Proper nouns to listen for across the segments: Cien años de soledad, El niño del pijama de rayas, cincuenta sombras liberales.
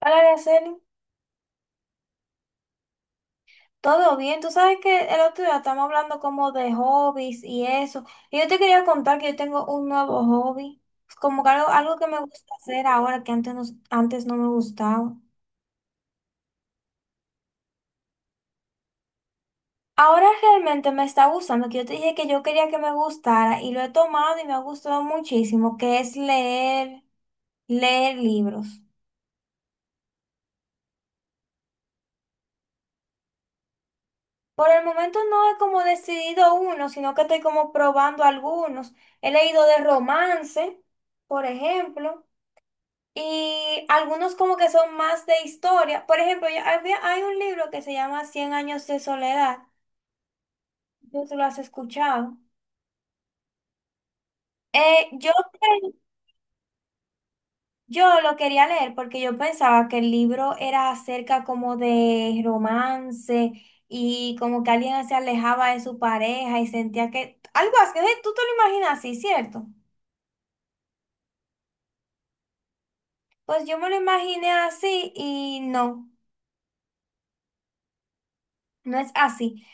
Hola, Araceli. Todo bien. Tú sabes que el otro día estamos hablando como de hobbies y eso. Y yo te quería contar que yo tengo un nuevo hobby. Es como que algo que me gusta hacer ahora que antes no me gustaba. Ahora realmente me está gustando, que yo te dije que yo quería que me gustara y lo he tomado y me ha gustado muchísimo, que es leer, leer libros. Por el momento no he como decidido uno, sino que estoy como probando algunos. He leído de romance, por ejemplo. Y algunos como que son más de historia. Por ejemplo, hay un libro que se llama Cien años de soledad. Tú sé si lo has escuchado. Eh, yo, cre- yo lo quería leer porque yo pensaba que el libro era acerca como de romance y como que alguien se alejaba de su pareja y sentía que algo así. ¿Eh? Tú te lo imaginas así, ¿cierto? Pues yo me lo imaginé así y no, no es así.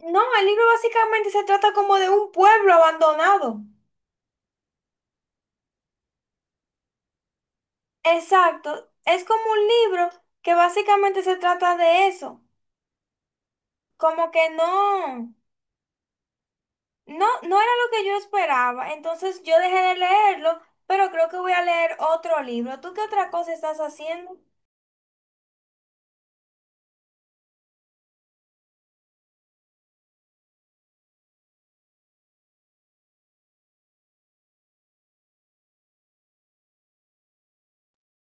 No, el libro básicamente se trata como de un pueblo abandonado. Exacto. Es como un libro que básicamente se trata de eso. Como que no, no, no era lo que yo esperaba. Entonces yo dejé de leerlo, pero creo que voy a leer otro libro. ¿Tú qué otra cosa estás haciendo?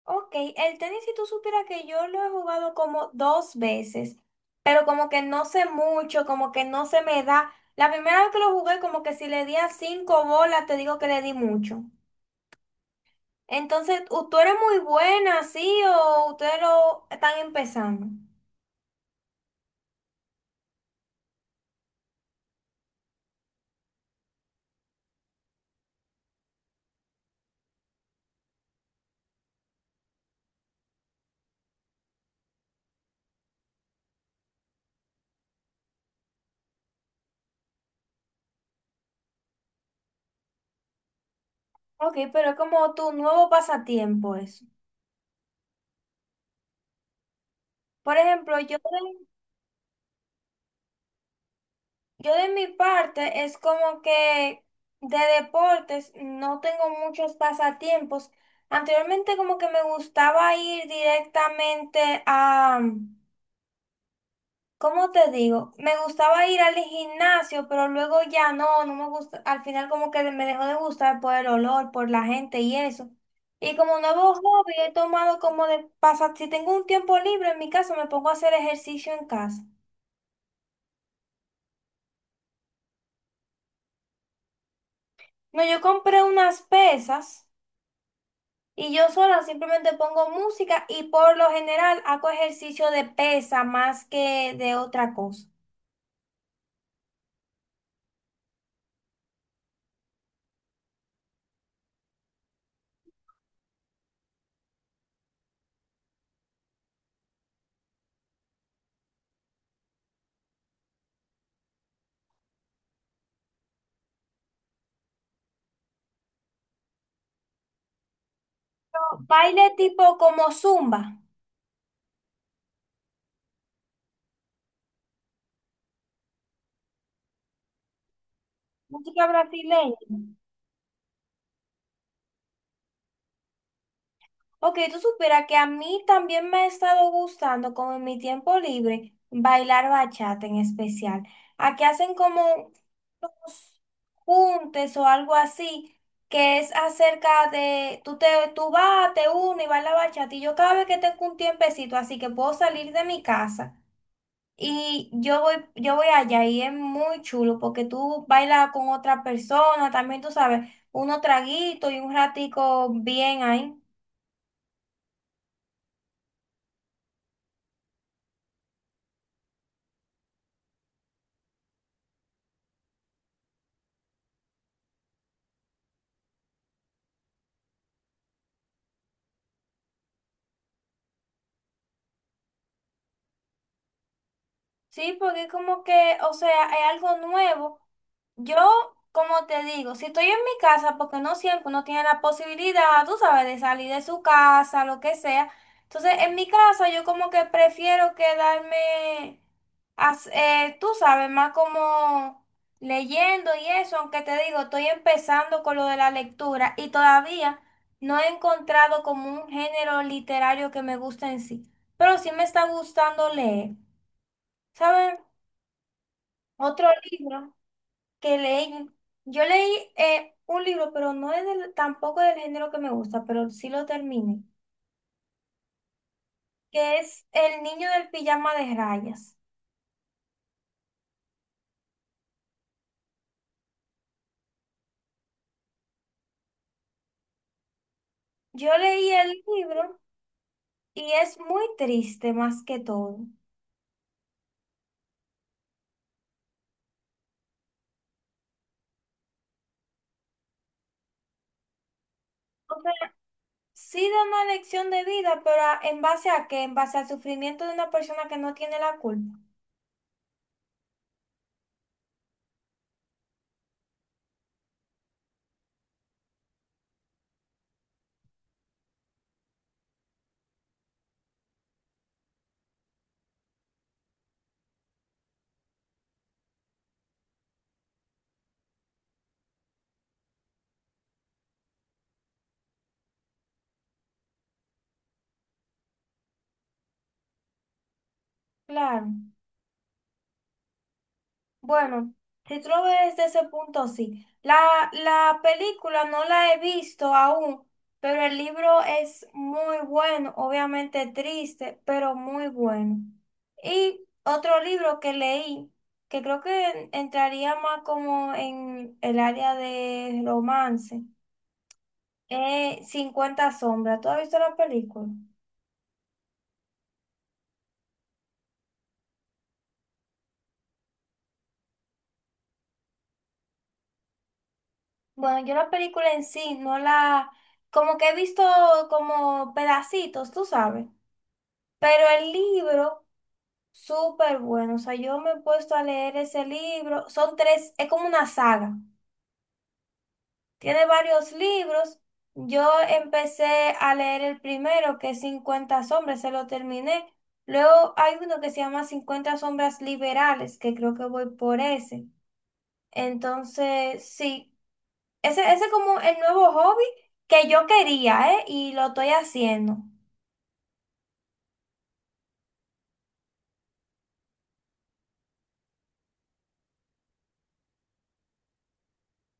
Ok, el tenis, si tú supieras que yo lo he jugado como dos veces, pero como que no sé mucho, como que no se me da. La primera vez que lo jugué, como que si le di a cinco bolas, te digo que le di mucho. Entonces, ¿tú eres muy buena, sí, o ustedes lo están empezando? Ok, pero es como tu nuevo pasatiempo eso. Por ejemplo, yo de mi parte es como que de deportes no tengo muchos pasatiempos. Anteriormente como que me gustaba ir directamente a, ¿cómo te digo? Me gustaba ir al gimnasio, pero luego ya no, no me gusta. Al final como que me dejó de gustar por el olor, por la gente y eso. Y como nuevo hobby he tomado como de pasar, si tengo un tiempo libre en mi casa, me pongo a hacer ejercicio en casa. No, yo compré unas pesas y yo sola simplemente pongo música y por lo general hago ejercicio de pesa más que de otra cosa. Baile tipo como zumba, música brasileña. Ok, tú supieras que a mí también me ha estado gustando, como en mi tiempo libre, bailar bachata en especial. Aquí hacen como unos juntes o algo así, que es acerca de, tú, te, tú vas, te unes y bailas bachata. Y yo cada vez que tengo un tiempecito, así que puedo salir de mi casa y yo voy allá y es muy chulo porque tú bailas con otra persona, también tú sabes, unos traguitos y un ratico bien ahí. Sí, porque es como que, o sea, es algo nuevo. Yo, como te digo, si estoy en mi casa, porque no siempre uno tiene la posibilidad, tú sabes, de salir de su casa, lo que sea. Entonces, en mi casa yo como que prefiero quedarme, tú sabes, más como leyendo y eso, aunque te digo, estoy empezando con lo de la lectura y todavía no he encontrado como un género literario que me guste en sí, pero sí me está gustando leer, ¿sabes? Otro libro que leí, yo leí un libro, pero no es tampoco del género que me gusta, pero sí lo terminé, que es El niño del pijama de rayas. Yo leí el libro y es muy triste más que todo. O sea, sí da una lección de vida, pero ¿en base a qué? En base al sufrimiento de una persona que no tiene la culpa. Claro. Bueno, si tú lo ves desde ese punto, sí. La película no la he visto aún, pero el libro es muy bueno, obviamente triste, pero muy bueno. Y otro libro que leí, que creo que entraría más como en el área de romance, es 50 sombras. ¿Tú has visto la película? Bueno, yo la película en sí no la, como que he visto como pedacitos, tú sabes. Pero el libro, súper bueno. O sea, yo me he puesto a leer ese libro. Son tres, es como una saga. Tiene varios libros. Yo empecé a leer el primero, que es 50 sombras, se lo terminé. Luego hay uno que se llama cincuenta sombras liberales, que creo que voy por ese. Entonces, sí, ese es como el nuevo hobby que yo quería, ¿eh? Y lo estoy haciendo.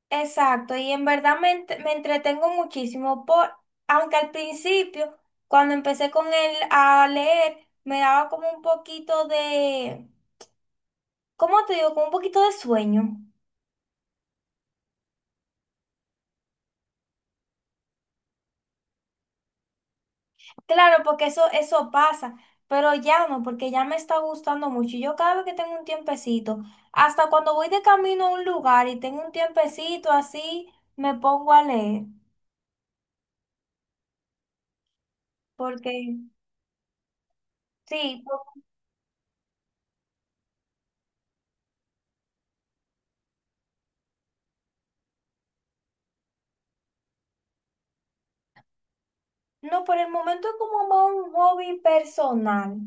Exacto, y en verdad me entretengo muchísimo por, aunque al principio, cuando empecé con él a leer, me daba como un poquito de, ¿cómo te digo? Como un poquito de sueño. Claro, porque eso pasa, pero ya no, porque ya me está gustando mucho. Y yo cada vez que tengo un tiempecito, hasta cuando voy de camino a un lugar y tengo un tiempecito así, me pongo a leer. Porque, sí, no, por el momento es como más un hobby personal.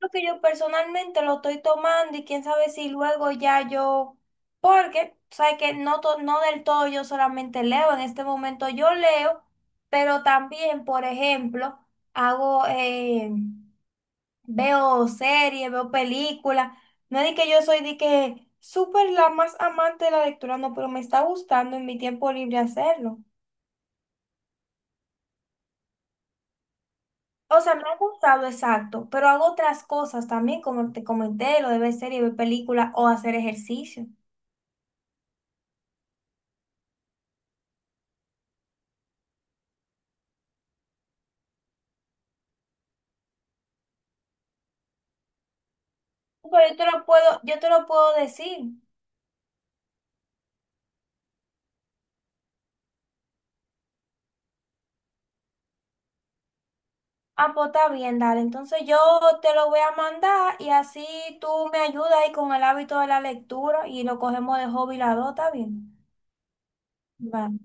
Lo que yo personalmente lo estoy tomando y quién sabe si luego ya yo, porque, sabes que no, no del todo yo solamente leo, en este momento yo leo, pero también, por ejemplo, hago, veo series, veo películas, no es de que yo soy de que súper la más amante de la lectura, no, pero me está gustando en mi tiempo libre hacerlo. O sea, me ha gustado, exacto, pero hago otras cosas también, como te comenté, lo de ver series, ver películas o hacer ejercicio. Pero yo te lo puedo, yo te lo puedo decir. Ah, pues está bien, dale. Entonces yo te lo voy a mandar y así tú me ayudas ahí con el hábito de la lectura y lo cogemos de hobby la dos, está bien. Vale.